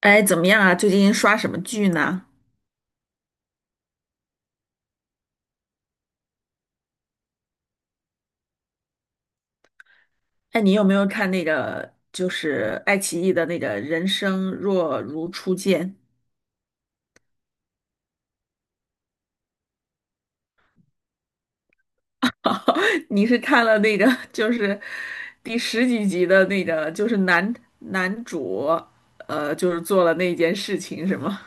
哎，怎么样啊？最近刷什么剧呢？哎，你有没有看那个就是爱奇艺的那个《人生若如初见》？你是看了那个就是第十几集的那个，就是男主就是做了那件事情是吗？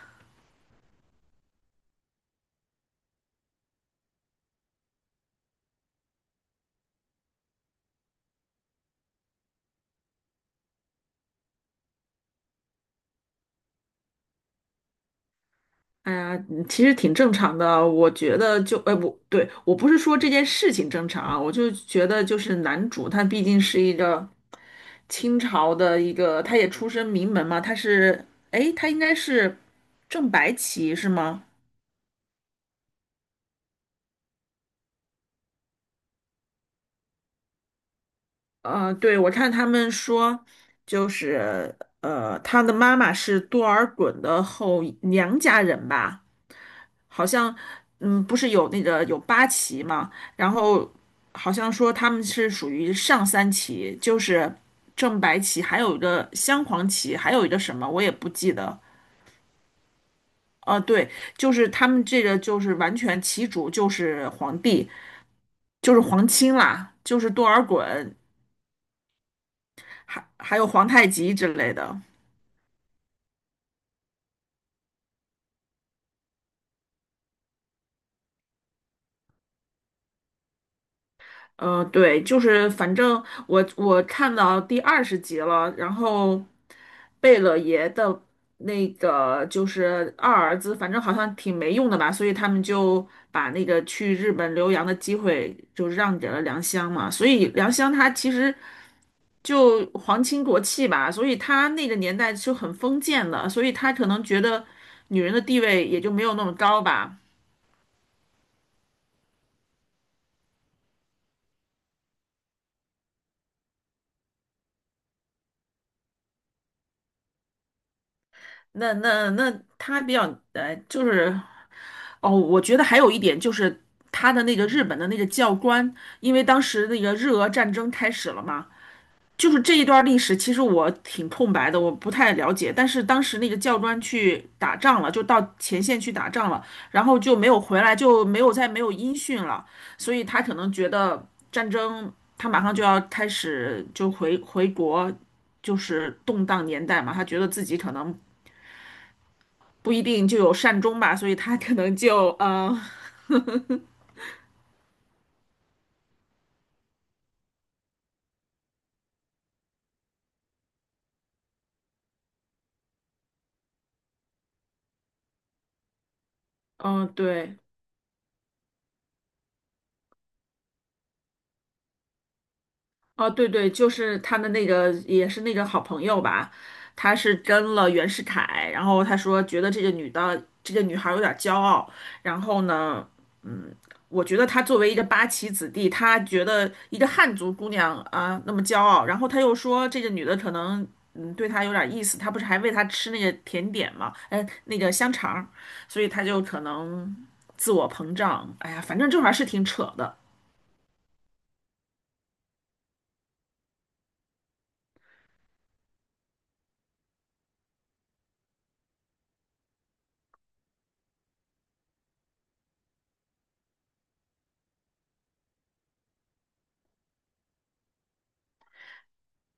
哎呀，嗯其实挺正常的啊，我觉得就，哎，我不是说这件事情正常啊，我就觉得就是男主他毕竟是一个清朝的一个，他也出身名门嘛，他是，哎，他应该是正白旗是吗？呃，对，我看他们说，就是他的妈妈是多尔衮的后娘家人吧。好像，嗯，不是有那个有八旗嘛，然后好像说他们是属于上三旗，就是正白旗，还有一个镶黄旗，还有一个什么我也不记得。呃，对，就是他们这个就是完全旗主就是皇帝，就是皇亲啦，就是多尔衮，还有皇太极之类的。嗯，对，就是反正我看到第20集了，然后贝勒爷的那个就是二儿子，反正好像挺没用的吧，所以他们就把那个去日本留洋的机会就让给了良乡嘛，所以良乡他其实就皇亲国戚吧，所以他那个年代是很封建的，所以他可能觉得女人的地位也就没有那么高吧。那他比较就是。哦，我觉得还有一点就是他的那个日本的那个教官，因为当时那个日俄战争开始了嘛，就是这一段历史，其实我挺空白的，我不太了解。但是当时那个教官去打仗了，就到前线去打仗了，然后就没有回来，就没有再没有音讯了，所以他可能觉得战争他马上就要开始，就回国，就是动荡年代嘛，他觉得自己可能不一定就有善终吧，所以他可能就。嗯，对，哦，对对，就是他的那个，也是那个好朋友吧，他是跟了袁世凯，然后他说觉得这个女的，这个女孩儿有点儿骄傲，然后呢，嗯，我觉得他作为一个八旗子弟，他觉得一个汉族姑娘啊那么骄傲，然后他又说这个女的可能对他有点儿意思，他不是还喂他吃那个甜点嘛，哎，那个香肠儿所以他就可能自我膨胀，哎呀，反正这玩意儿是挺扯的。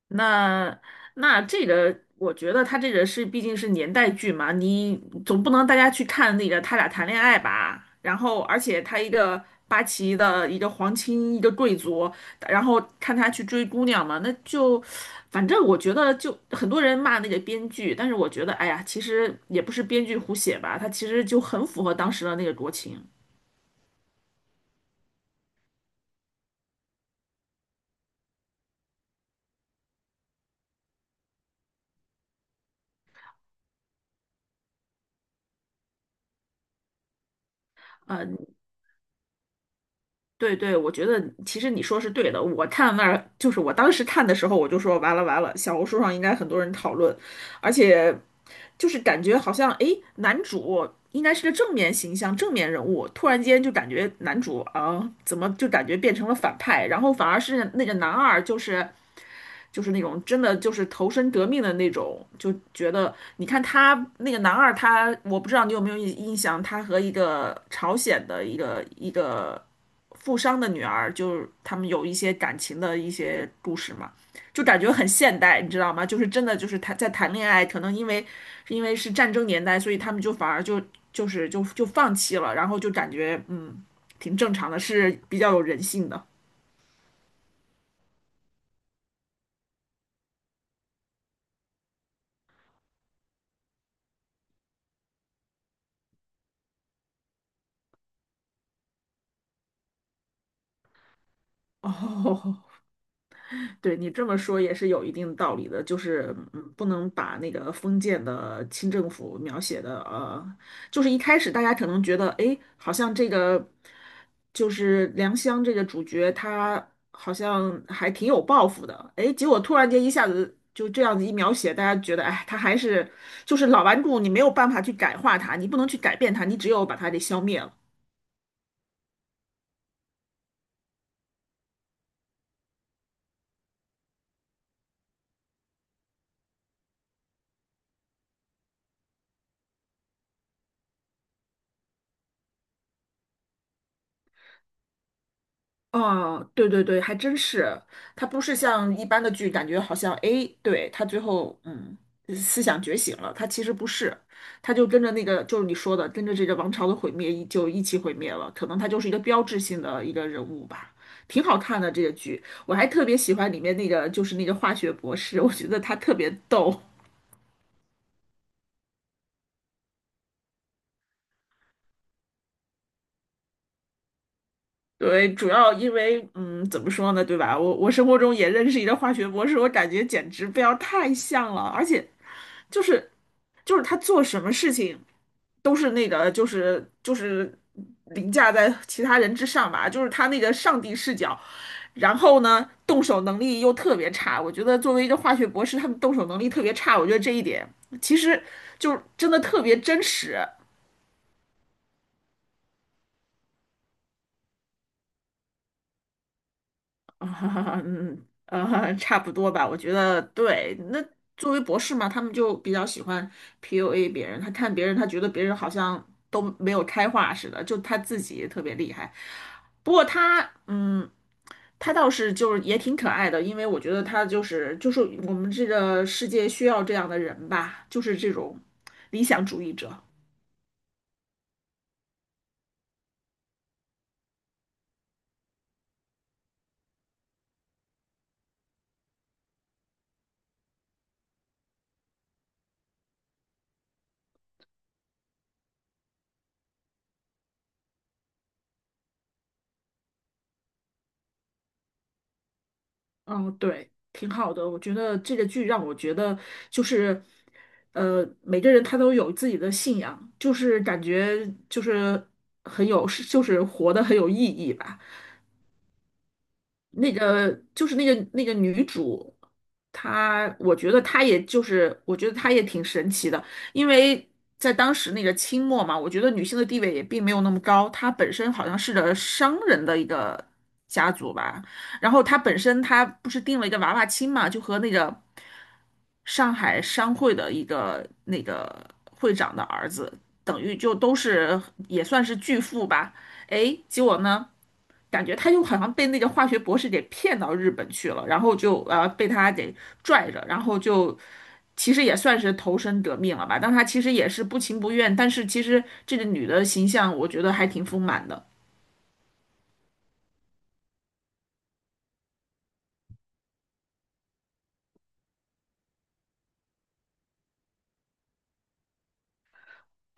那那这个，我觉得他这个是毕竟是年代剧嘛，你总不能大家去看那个他俩谈恋爱吧？然后，而且他一个八旗的一个皇亲，一个贵族，然后看他去追姑娘嘛，那就反正我觉得就很多人骂那个编剧，但是我觉得哎呀，其实也不是编剧胡写吧，他其实就很符合当时的那个国情。呃对对，我觉得其实你说是对的。我看那儿就是我当时看的时候，我就说完了完了，小红书上应该很多人讨论，而且就是感觉好像诶，男主应该是个正面形象、正面人物，突然间就感觉男主啊，怎么就感觉变成了反派，然后反而是那个男二就是那种真的就是投身革命的那种，就觉得你看他那个男二他，我不知道你有没有印象，他和一个朝鲜的一个。富商的女儿，就是他们有一些感情的一些故事嘛，就感觉很现代，你知道吗？就是真的就是在谈恋爱，可能因为是战争年代，所以他们就反而就放弃了，然后就感觉挺正常的，是比较有人性的。哦，对你这么说也是有一定道理的，就是不能把那个封建的清政府描写的就是一开始大家可能觉得，哎，好像这个就是良乡这个主角他好像还挺有抱负的，哎，结果突然间一下子就这样子一描写，大家觉得，哎，他还是就是老顽固，你没有办法去改化他，你不能去改变他，你只有把他给消灭了。哦，对对对，还真是，它不是像一般的剧，感觉好像诶，对，他最后思想觉醒了，他其实不是，他就跟着那个就是你说的，跟着这个王朝的毁灭一起毁灭了，可能他就是一个标志性的一个人物吧，挺好看的这个剧，我还特别喜欢里面那个就是那个化学博士，我觉得他特别逗。对，主要因为，怎么说呢，对吧？我生活中也认识一个化学博士，我感觉简直不要太像了，而且就是就是他做什么事情都是那个就是凌驾在其他人之上吧，就是他那个上帝视角，然后呢动手能力又特别差，我觉得作为一个化学博士，他们动手能力特别差，我觉得这一点其实就真的特别真实。啊，嗯，差不多吧，我觉得对。那作为博士嘛，他们就比较喜欢 PUA 别人，他看别人，他觉得别人好像都没有开化似的，就他自己特别厉害。不过他，他倒是就是也挺可爱的，因为我觉得他就是我们这个世界需要这样的人吧，就是这种理想主义者。嗯，对，挺好的。我觉得这个剧让我觉得就是，每个人他都有自己的信仰，就是感觉就是很有，就是活得很有意义吧。那个就是那个女主，她我觉得她也就是，我觉得她也挺神奇的，因为在当时那个清末嘛，我觉得女性的地位也并没有那么高，她本身好像是个商人的一个家族吧，然后她本身她不是定了一个娃娃亲嘛，就和那个上海商会的一个那个会长的儿子，等于就都是也算是巨富吧，诶，结果呢？感觉他就好像被那个化学博士给骗到日本去了，然后就被他给拽着，然后就其实也算是投身革命了吧，但他其实也是不情不愿，但是其实这个女的形象我觉得还挺丰满的。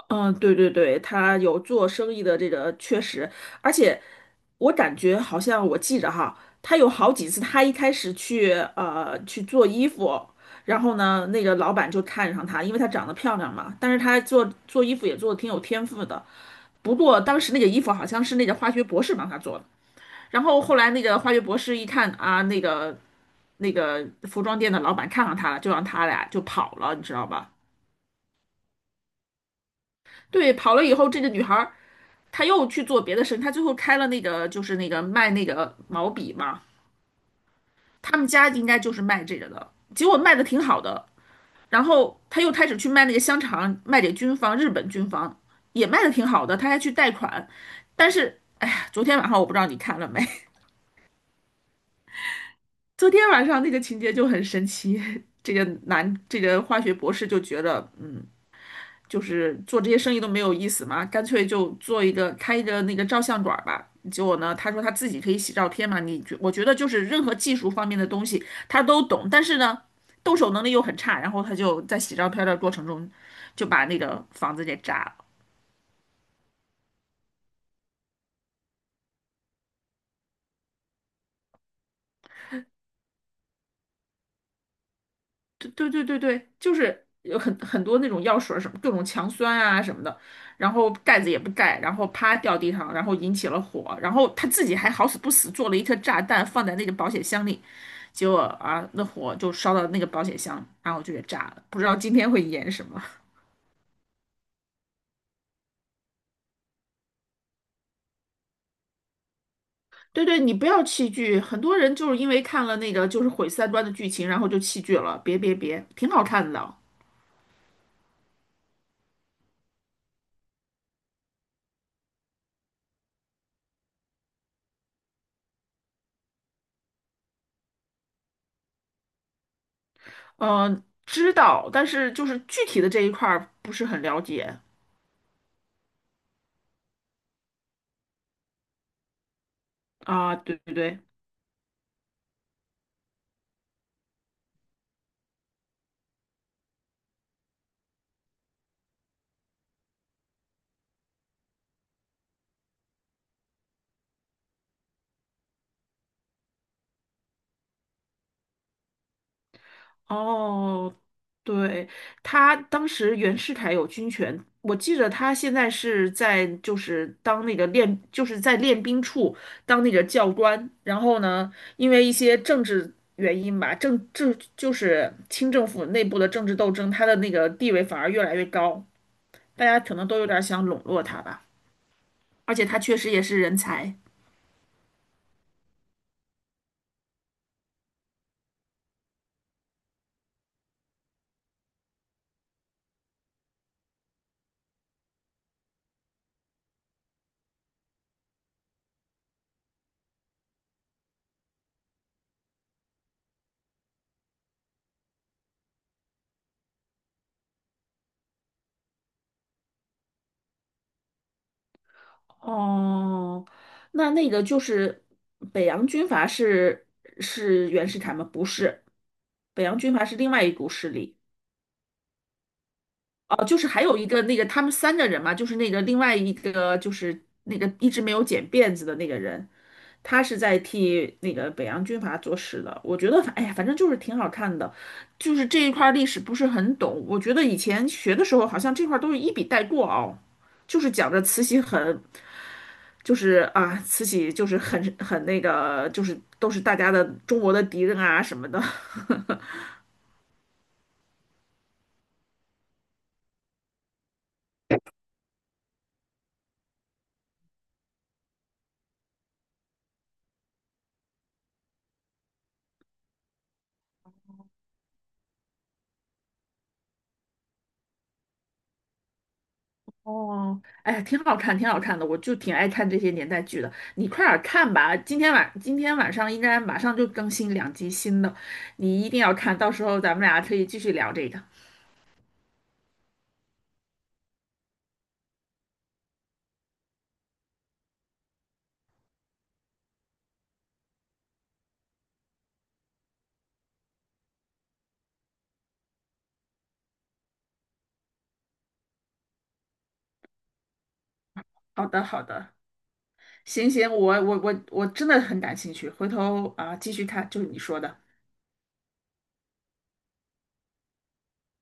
嗯，对对对，她有做生意的这个确实，而且我感觉好像我记着哈，他有好几次，他一开始去做衣服，然后呢，那个老板就看上他，因为她长得漂亮嘛，但是她做衣服也做的挺有天赋的，不过当时那个衣服好像是那个化学博士帮他做的，然后后来那个化学博士一看啊，那个服装店的老板看上他了，就让他俩就跑了，你知道吧？对，跑了以后，这个女孩儿她又去做别的生意，她最后开了那个就是那个卖那个毛笔嘛，他们家应该就是卖这个的，结果卖的挺好的，然后她又开始去卖那个香肠，卖给军方，日本军方也卖的挺好的，她还去贷款，但是哎昨天晚上我不知道你看了没。昨天晚上那个情节就很神奇，这个男这个化学博士就觉得，就是做这些生意都没有意思嘛，干脆就做一个开一个那个照相馆儿吧。结果呢，他说他自己可以洗照片嘛，我觉得就是任何技术方面的东西他都懂，但是呢，动手能力又很差，然后他就在洗照片的过程中就把那个房子给炸了。对对对对对，就是有很多那种药水儿什么各种强酸啊什么的，然后盖子也不盖，然后啪掉地上，然后引起了火，然后他自己还好死不死做了一颗炸弹放在那个保险箱里，结果啊那火就烧到那个保险箱，然后就给炸了，不知道今天会演什么。对对，你不要弃剧，很多人就是因为看了那个就是毁三观的剧情，然后就弃剧了，别别别，挺好看的，嗯、知道，但是就是具体的这一块儿不是很了解。啊，对对对，哦，对，他当时袁世凯有军权，我记得他现在是在就是当那个练，就是在练兵处当那个教官，然后呢，因为一些政治原因吧，就是清政府内部的政治斗争，他的那个地位反而越来越高，大家可能都有点想笼络他吧，而且他确实也是人才。哦，那个就是北洋军阀是袁世凯吗？不是，北洋军阀是另外一股势力。哦，就是还有一个那个他们三个人嘛，就是那个另外一个就是那个一直没有剪辫子的那个人。他是在替那个北洋军阀做事的。我觉得哎呀，反正就是挺好看的，就是这一块儿历史不是很懂。我觉得以前学的时候，好像这块儿都是一笔带过哦，就是讲着慈禧很，就是啊，慈禧就是很那个，就是都是大家的中国的敌人啊什么的。哦，哎，挺好看，挺好看的，我就挺爱看这些年代剧的。你快点儿看吧，今天晚上应该马上就更新2集新的，你一定要看，到时候咱们俩可以继续聊这个。好的，好的，行行，我真的很感兴趣，回头啊、继续看，就是你说的。